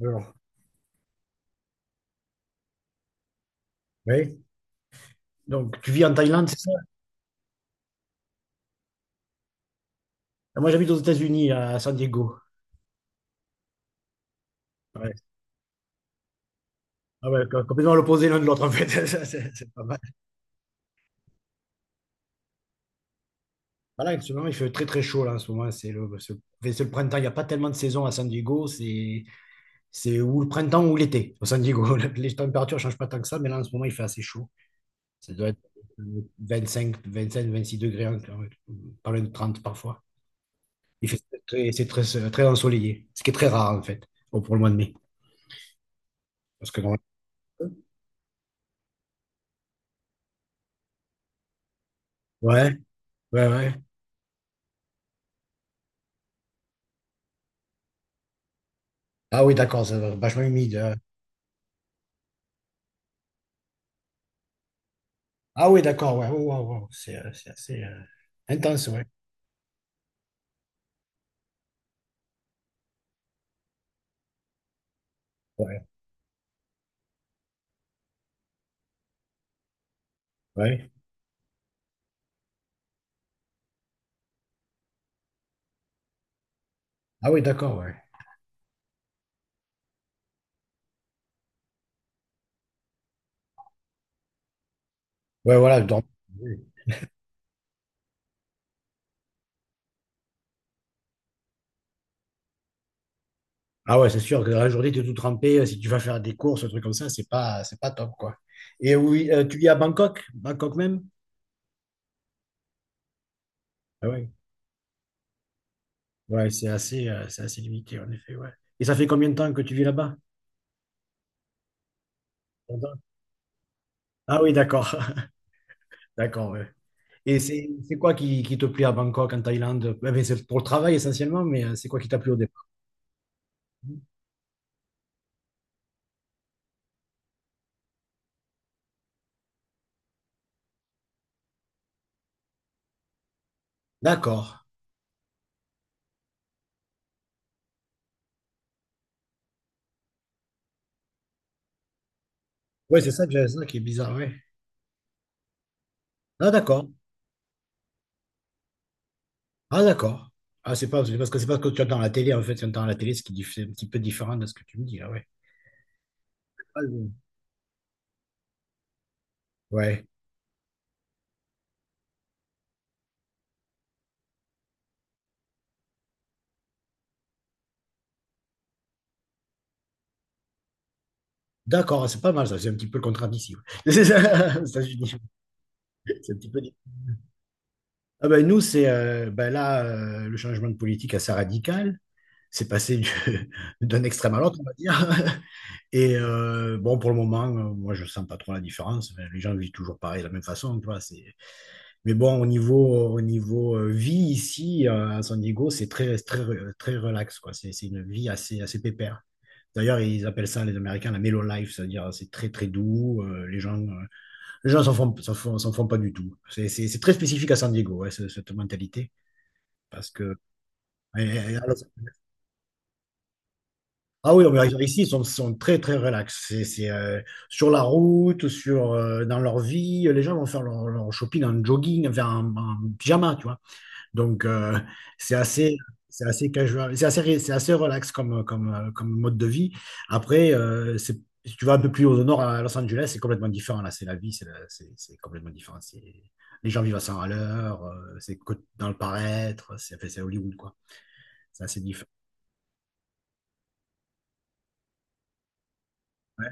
Alors, oui. Donc, tu vis en Thaïlande, c'est ça? Ah, moi, j'habite aux États-Unis, à San Diego. Ouais. Ah ouais, complètement l'opposé l'un de l'autre, en fait. Ça, c'est pas mal. Voilà, en ce moment, il fait très, très chaud, là, en ce moment. Enfin, c'est le printemps. Il n'y a pas tellement de saison à San Diego. C'est ou le printemps ou l'été, au San Diego. Les températures ne changent pas tant que ça, mais là, en ce moment, il fait assez chaud. Ça doit être euh, 25, 25, 26 degrés, hein, quand même. Pas loin de 30 parfois. C'est très, très ensoleillé, ce qui est très rare, en fait, pour le mois de mai. Parce que, bon, ouais. Ouais, ouais. Ah oui, d'accord, ça va vachement humide. Ah oui, d'accord, ouais, ouais, ouais, ouais. C'est assez intense, ouais. Ouais, ouais. Ah oui, d'accord, ouais. Ouais, voilà, oui. Ah ouais, c'est sûr que dans la journée, tu es tout trempé. Si tu vas faire des courses, un truc comme ça, c'est pas top, quoi. Et oui, tu vis à Bangkok, Bangkok même? Ah ouais, ouais, c'est assez limité, en effet, ouais. Et ça fait combien de temps que tu vis là-bas? Longtemps. Ah oui, d'accord, d'accord, ouais. Et c'est quoi qui te plaît à Bangkok, en Thaïlande? Eh ben, c'est pour le travail essentiellement, mais c'est quoi qui t'a plu au départ? D'accord. Oui, c'est ça que j'avais ça qui est bizarre, oui. Ah, d'accord. Ah, d'accord. Ah, c'est parce que c'est pas ce que tu as dans la télé, en fait. Ce que tu as dans la télé, ce qui est c'est un petit peu différent de ce que tu me dis, là. Ouais. Ah, oui. Ouais. D'accord, c'est pas mal, ça. C'est un petit peu le contraire d'ici. Ouais. C'est ça, aux États-Unis. C'est un petit peu. Ah ben, nous, ben là, le changement de politique assez radical. C'est passé d'un extrême à l'autre, on va dire. Et bon, pour le moment, moi, je sens pas trop la différence. Enfin, les gens vivent toujours pareil, de la même façon, tu vois. Mais bon, au niveau, vie ici, à San Diego, c'est très, très, très relax, quoi. C'est une vie assez, assez pépère. D'ailleurs, ils appellent ça, les Américains, la mellow life, c'est-à-dire c'est très, très doux. Les gens, les gens s'en font pas du tout. C'est très spécifique à San Diego, ouais, cette mentalité. Parce que. et- et- alors- ah oui, mais ici, ils sont très, très relax. C'est sur la route, dans leur vie, les gens vont faire leur shopping en jogging, enfin, en pyjama, tu vois. Donc, c'est assez, c'est assez casual, c'est assez relax comme mode de vie. Après, si tu vas un peu plus au nord à Los Angeles, c'est complètement différent. Là, c'est la vie, c'est la- c'est complètement différent. Les gens vivent à 100 à l'heure, dans le paraître, c'est enfin, c'est Hollywood, quoi. C'est assez différent. Ouais,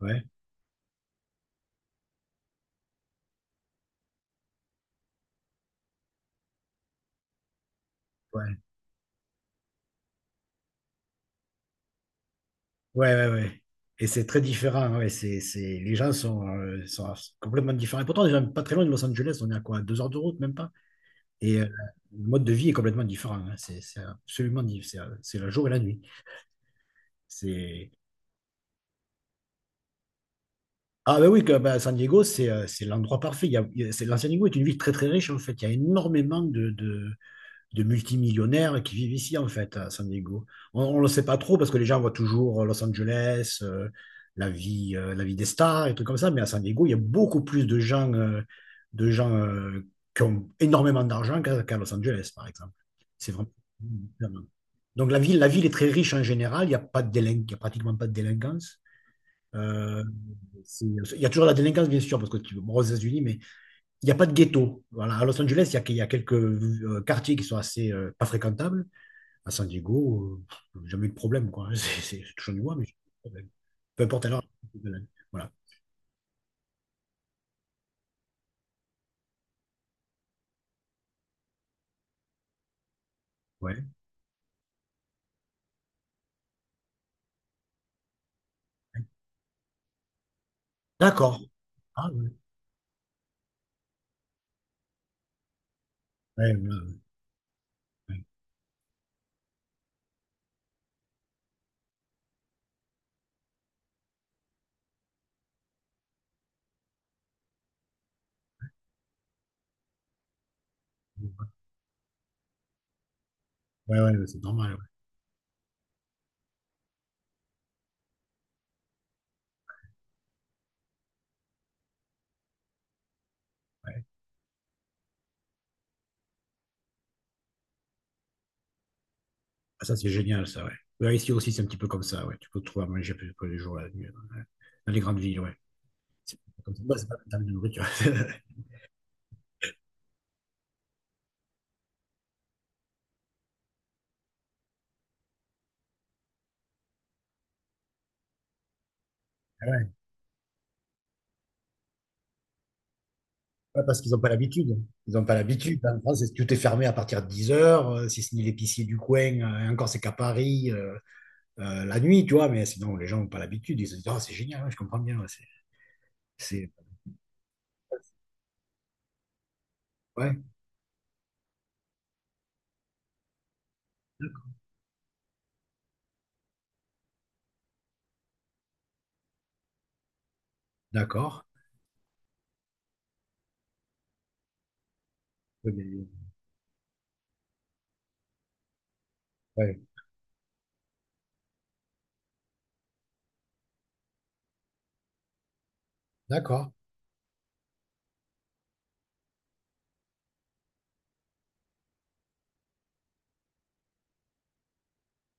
ouais, ouais, ouais, ouais. Ouais. Et c'est très différent. Ouais. Les gens sont complètement différents. Et pourtant, on n'est pas très loin de Los Angeles. On est à quoi? 2 heures de route, même pas? Et le mode de vie est complètement différent. Hein. C'est absolument différent. C'est le jour et la nuit. C'est... Ah ben oui, ben, San Diego, c'est l'endroit parfait. Il y a- c'est, la San Diego est une ville très très riche en fait. Il y a énormément de multimillionnaires qui vivent ici en fait à San Diego. On ne le sait pas trop parce que les gens voient toujours Los Angeles, la vie des stars et trucs comme ça. Mais à San Diego, il y a beaucoup plus de gens, qui ont énormément d'argent qu'à Los Angeles par exemple. C'est vraiment... Donc la ville, est très riche en général, il n'y a pas de il y a pratiquement pas de délinquance. Euh, c'est- il y a toujours la délinquance, bien sûr, parce que tu bon, aux États-Unis, mais il n'y a pas de ghetto. Voilà, à Los Angeles, il y a quelques quartiers qui sont assez pas fréquentables. À San Diego, jamais eu de problème, quoi. Je touche du bois, mais j'ai pas de problème. Peu importe alors. Voilà. Ouais. D'accord. Ah, ouais. Ouais, ouais, ouais. Ouais, ouais, ouais, c'est normal. Ouais. Ouais. Ah, ça, c'est génial, ça, ouais. Ouais, ici aussi, c'est un petit peu comme ça, ouais. Tu peux te trouver à manger plus tous les jours la nuit, ouais. Dans les grandes villes, ouais. C'est comme ça. Bah, c'est pas la même nourriture. Ah ouais. Ouais, parce qu'ils n'ont pas l'habitude. Ils n'ont pas l'habitude. En France, tout est fermé à partir de 10 heures, si ce n'est l'épicier du coin. Et encore, c'est qu'à Paris, la nuit, tu vois. Mais sinon, les gens n'ont pas l'habitude. Ils se disent, ah, c'est génial, ouais, je comprends bien. Ouais, c'est... Ouais, d'accord. Ouais, ouais, d'accord.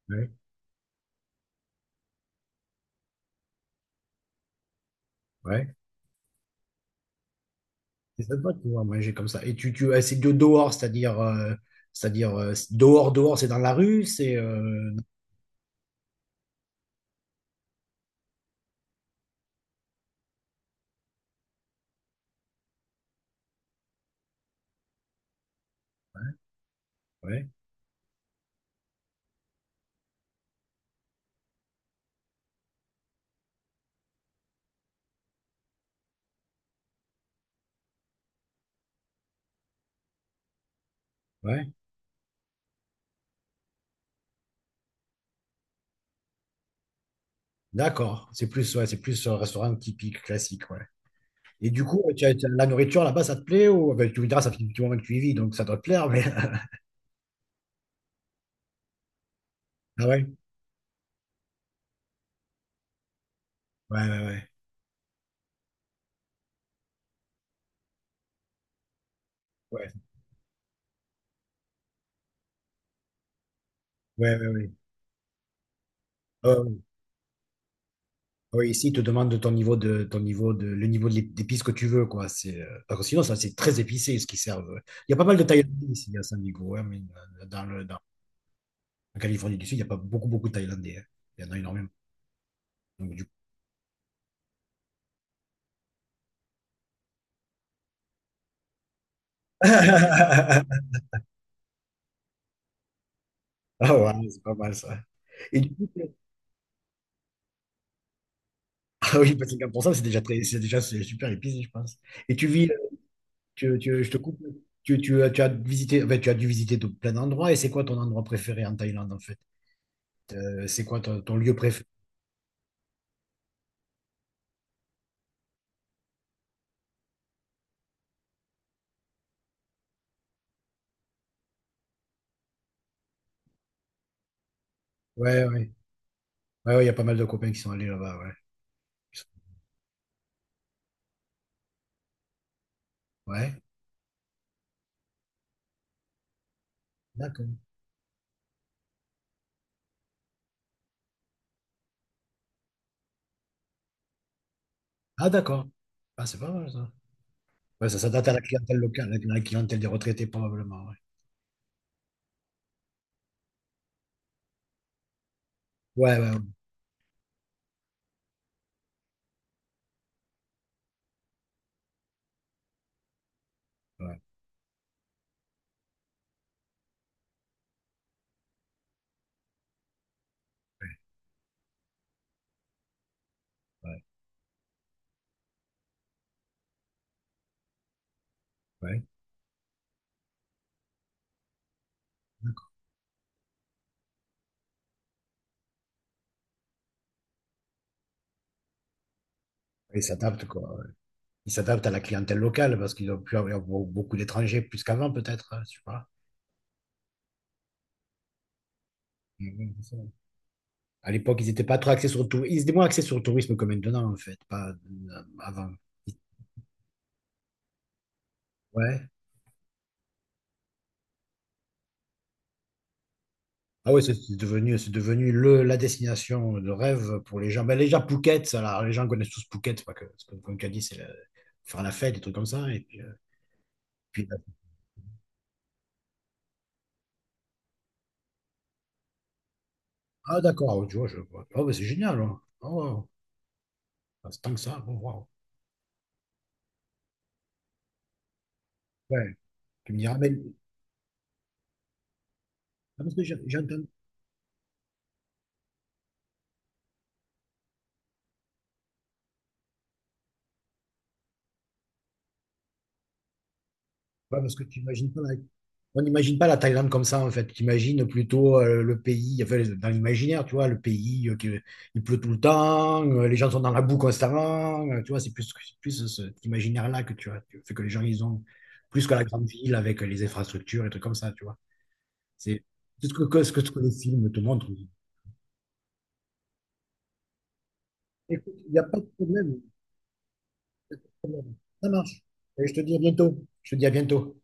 Ouais, ouais. C'est sympa de pouvoir manger comme ça. C'est de dehors, c'est-à-dire, dehors, dehors, c'est dans la rue, c'est. Ouais, ouais. D'accord. C'est plus, ouais, c'est plus un restaurant typique, classique, ouais. Et du coup, la nourriture là-bas, ça te plaît ou ben, tu me diras, ça fait du petit moment que tu y vis, donc ça doit te plaire, mais. Ah ouais? Ouais, ouais, ouais. Ouais, ouais, ouais, ouais. Ah ouais, ouais, ici, ils te demandent de ton niveau de, ton niveau de, le niveau de d'épices que tu veux, quoi. Parce que sinon, ça, c'est très épicé, ce qu'ils servent. Il y a pas mal de Thaïlandais ici à San Diego, hein, mais dans le, dans En Californie du Sud, il n'y a pas beaucoup, beaucoup de Thaïlandais. Hein. Il y en a énormément. Donc, du coup- Ah ouais, c'est pas mal ça. Et du coup, ah oui, bah, 50%, c'est déjà très, c'est déjà c'est super épicé, je pense. Et tu vis, tu, tu- Je te coupe, tu as dû visiter de plein d'endroits. Et c'est quoi ton endroit préféré en Thaïlande, en fait? C'est quoi ton lieu préféré? Ouais, ouais. Ouais, ouais, il y a pas mal de copains qui sont allés là-bas, ouais. Ouais, d'accord. Ah, d'accord. Ah, c'est pas mal ça. Ouais, ça s'adapte à la clientèle locale, à la clientèle des retraités, probablement, ouais. Ouais, ouais, ouais. Ouais, ouais, ouais, d'accord. Ils s'adaptent, quoi. Ouais. Ils s'adaptent à la clientèle locale parce qu'ils ont pu avoir beaucoup d'étrangers plus qu'avant, peut-être, hein, je sais pas. Ouais, ouais, c'est ça. À l'époque, ils étaient pas trop axés sur le tourisme. Ils étaient moins axés sur le tourisme que maintenant, en fait, pas avant. Ouais. Ah ouais, c'est devenu la destination de rêve pour les gens. Ben, les gens connaissent tous Phuket, c'est pas que, c'est comme tu as dit, faire la fête, des trucs comme ça. Et puis, ah d'accord, ah, tu vois, je vois. Oh, ben, c'est génial. Hein. Oh, wow. Ah, c'est tant que ça. Oh, wow. Ouais. Tu me diras, mais parce que j'ai ouais, parce que tu imagines pas on n'imagine pas la Thaïlande comme ça, en fait. Tu imagines plutôt le pays, enfin, dans l'imaginaire, tu vois, le pays, il pleut tout le temps, les gens sont dans la boue constamment, tu vois, c'est plus cet imaginaire-là que tu as. Fait que les gens, ils ont plus que la grande ville avec les infrastructures et trucs comme ça, tu vois. C'est c'est ce que, ce que les films te montrent. Écoute, il n'y a pas de problème. Pas de problème. Ça marche. Et je te dis à bientôt. Je te dis à bientôt.